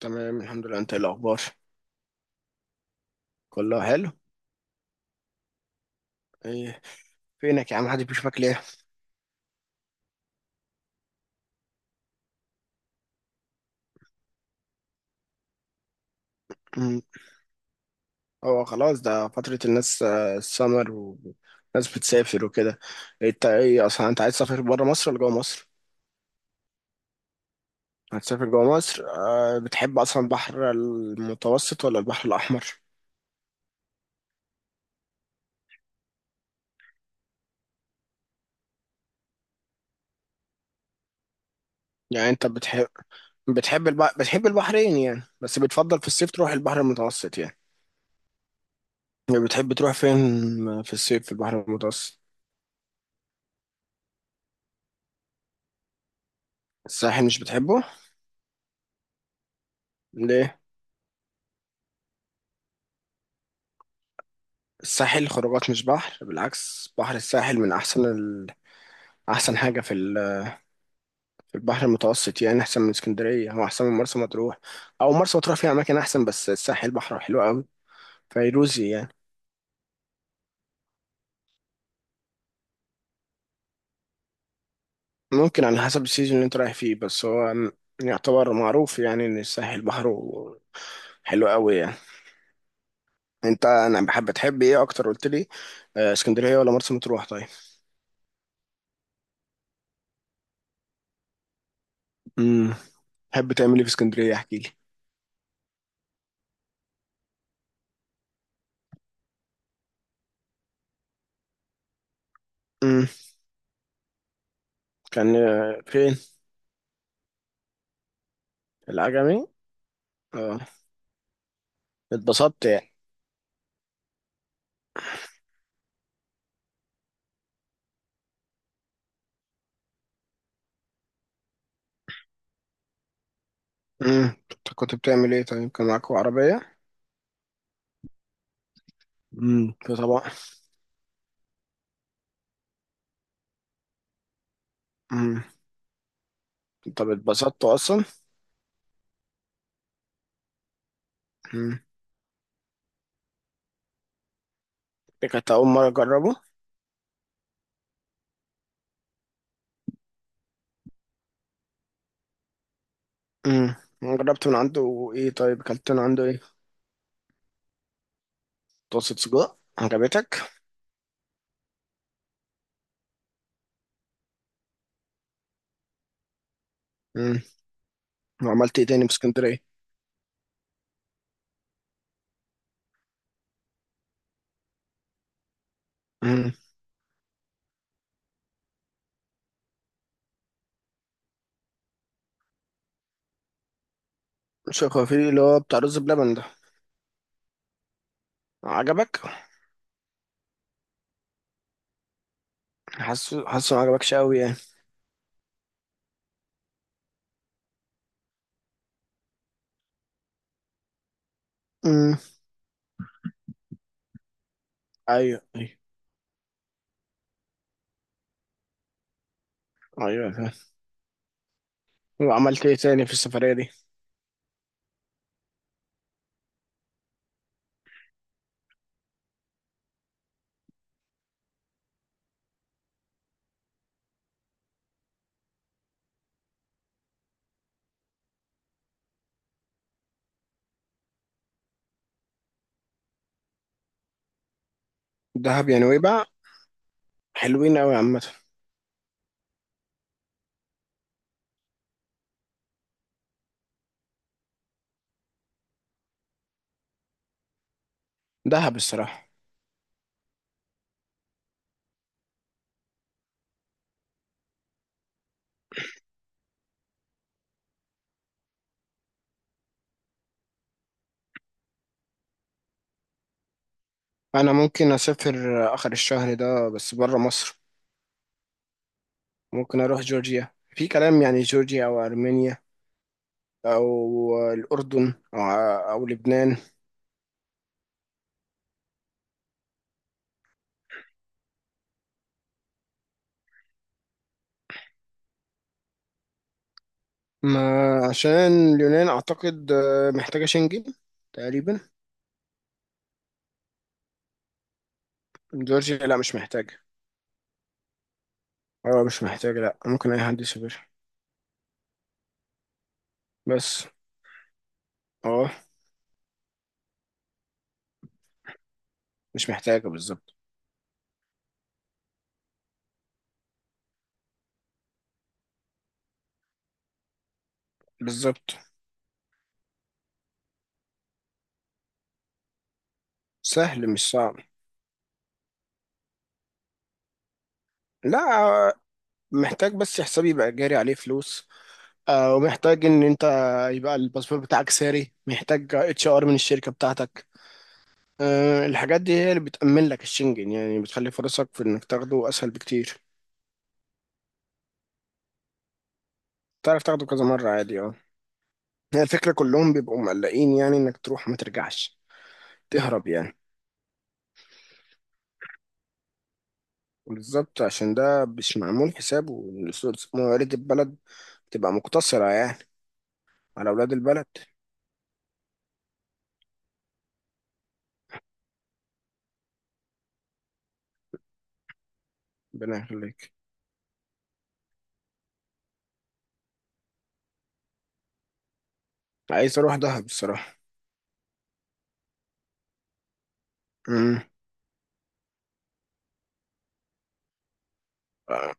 تمام الحمد لله، انت ايه الاخبار؟ كله حلو. ايه؟ فينك يا عم، محدش بيشوفك ليه؟ مم. هو خلاص ده فترة الناس، السمر والناس بتسافر وكده. انت ايه اصلا، انت عايز تسافر بره مصر ولا جوه مصر؟ هتسافر جوه مصر؟ أه، بتحب اصلا البحر المتوسط ولا البحر الاحمر؟ يعني انت بتحب، بتحب البحرين يعني، بس بتفضل في الصيف تروح البحر المتوسط يعني. بتحب تروح فين في الصيف في البحر المتوسط؟ الساحل مش بتحبه؟ ليه؟ الساحل خروجات مش بحر، بالعكس بحر الساحل من احسن احسن حاجه في في البحر المتوسط، يعني احسن من اسكندريه او احسن من مرسى مطروح، او مرسى مطروح فيها اماكن احسن، بس الساحل بحره حلو قوي، فيروزي يعني. ممكن على حسب السيزون اللي انت رايح فيه، بس هو يعتبر معروف يعني ان الساحل بحره حلو قوي يعني. انت انا بحب تحب ايه اكتر قلت لي؟ اسكندريه ولا مرسى مطروح طيب؟ امم. تحب تعمل ايه في اسكندريه؟ احكي لي. امم. كان فين؟ العجمي؟ اه. اتبسطت يعني. امم. انت كنت بتعمل ايه طيب، كان معاكوا عربية؟ امم. في طبعا. امم. طب اتبسطتوا اصلا؟ امم. دي كانت اول مرة اجربه. امم. جربت من عنده ايه طيب، اكلت من عنده ايه؟ طاسة سجق عجبتك؟ امم. وعملت ايه تاني في اسكندرية؟ امم. شكوفيلي اللي هو بتاع رز بلبن ده عجبك؟ حاسه ما عجبكش قوي يعني. امم. ايوه ايوه، ايوه فاهم. وعملت ايه تاني في السفرية دي؟ دهب يا نويبع. حلوين قوي عامة. دهب الصراحة. انا ممكن اسافر اخر الشهر ده بس بره مصر. ممكن اروح جورجيا في كلام، يعني جورجيا او ارمينيا او الاردن أو لبنان. ما عشان اليونان اعتقد محتاجه شنجن تقريبا. جورجيا لا مش محتاجه. اه مش محتاجه، لا ممكن اي حد يسافر. بس اه مش محتاجه بالظبط. بالظبط سهل مش صعب. لا. آه، محتاج بس حسابي يبقى جاري عليه فلوس. ومحتاج ان انت يبقى الباسبور بتاعك ساري، محتاج اتش ار من الشركه بتاعتك. الحاجات دي هي اللي بتأمن لك الشنجن، يعني بتخلي فرصك في انك تاخده اسهل بكتير. تعرف تاخده كذا مره عادي، اه. هي الفكره كلهم بيبقوا مقلقين يعني انك تروح ما ترجعش. تهرب يعني. بالظبط. عشان ده مش معمول حسابه إن موارد البلد تبقى مقتصره يعني على اولاد البلد. ربنا يخليك. عايز اروح دهب الصراحه. امم. اه.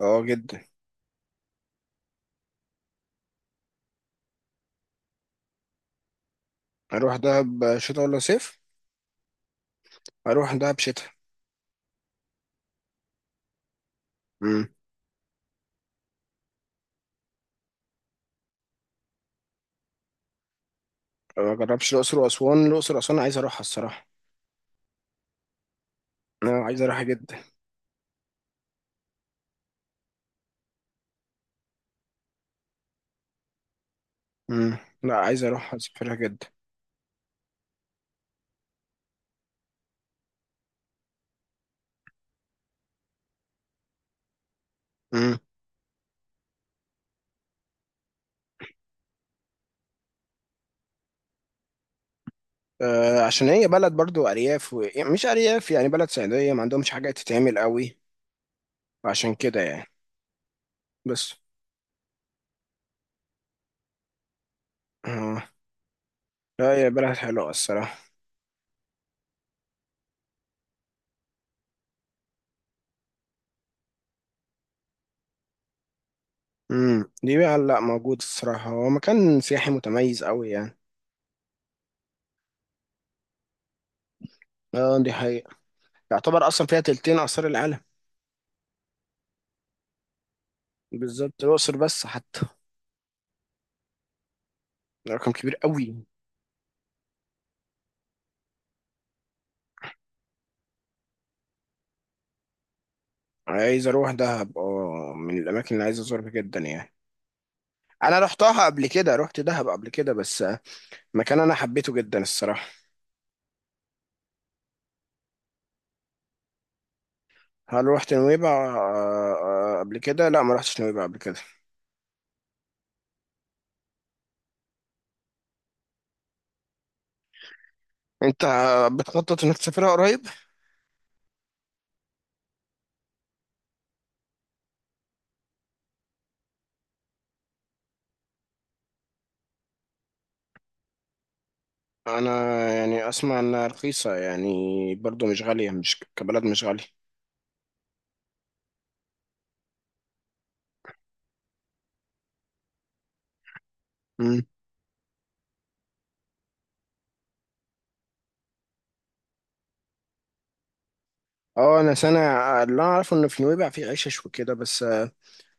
جدا. اروح دهب شتاء ولا صيف؟ اروح دهب شتاء. امم. ما جربش الاقصر واسوان، الاقصر واسوان عايز اروحها الصراحه. انا عايز اروحها جدا. امم. لا عايز اروحها، اسافرها جدا. امم. آه عشان هي بلد برضو ارياف يعني مش ارياف، يعني بلد صعيديه ما عندهمش حاجه تتعمل قوي. عشان كده يعني، بس آه. لا هي بلد حلوه الصراحه. امم. دي بقى لا موجود الصراحه، هو مكان سياحي متميز قوي يعني. اه دي حقيقه. يعتبر اصلا فيها تلتين اثار العالم. بالظبط، الاقصر بس حتى. رقم كبير قوي. عايز اروح دهب، اه، من الاماكن اللي عايز ازورها جدا يعني. انا رحتها قبل كده، رحت دهب قبل كده بس مكان انا حبيته جدا الصراحه. هل رحت نويبع؟ قبل كده لا ما رحتش نويبع قبل كده. انت بتخطط انك تسافرها قريب؟ انا يعني اسمع انها رخيصه يعني، برضو مش غاليه، مش كبلد مش غاليه. مم. اه، انا سنه، اللي انا اعرفه ان في نويبع في عيشه وكده، بس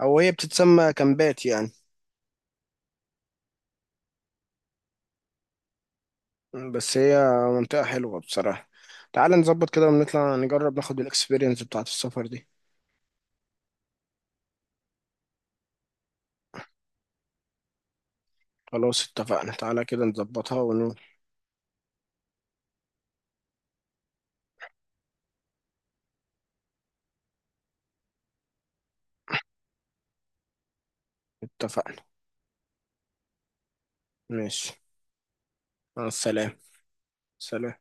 او هي بتتسمى كامبات يعني. بس هي منطقة حلوة بصراحة. تعالى نظبط كده ونطلع نجرب ناخد الاكسبيرينس بتاعة السفر دي. خلاص اتفقنا، تعالى كده نظبطها ونقول. اتفقنا. ماشي. مع السلامة. سلام.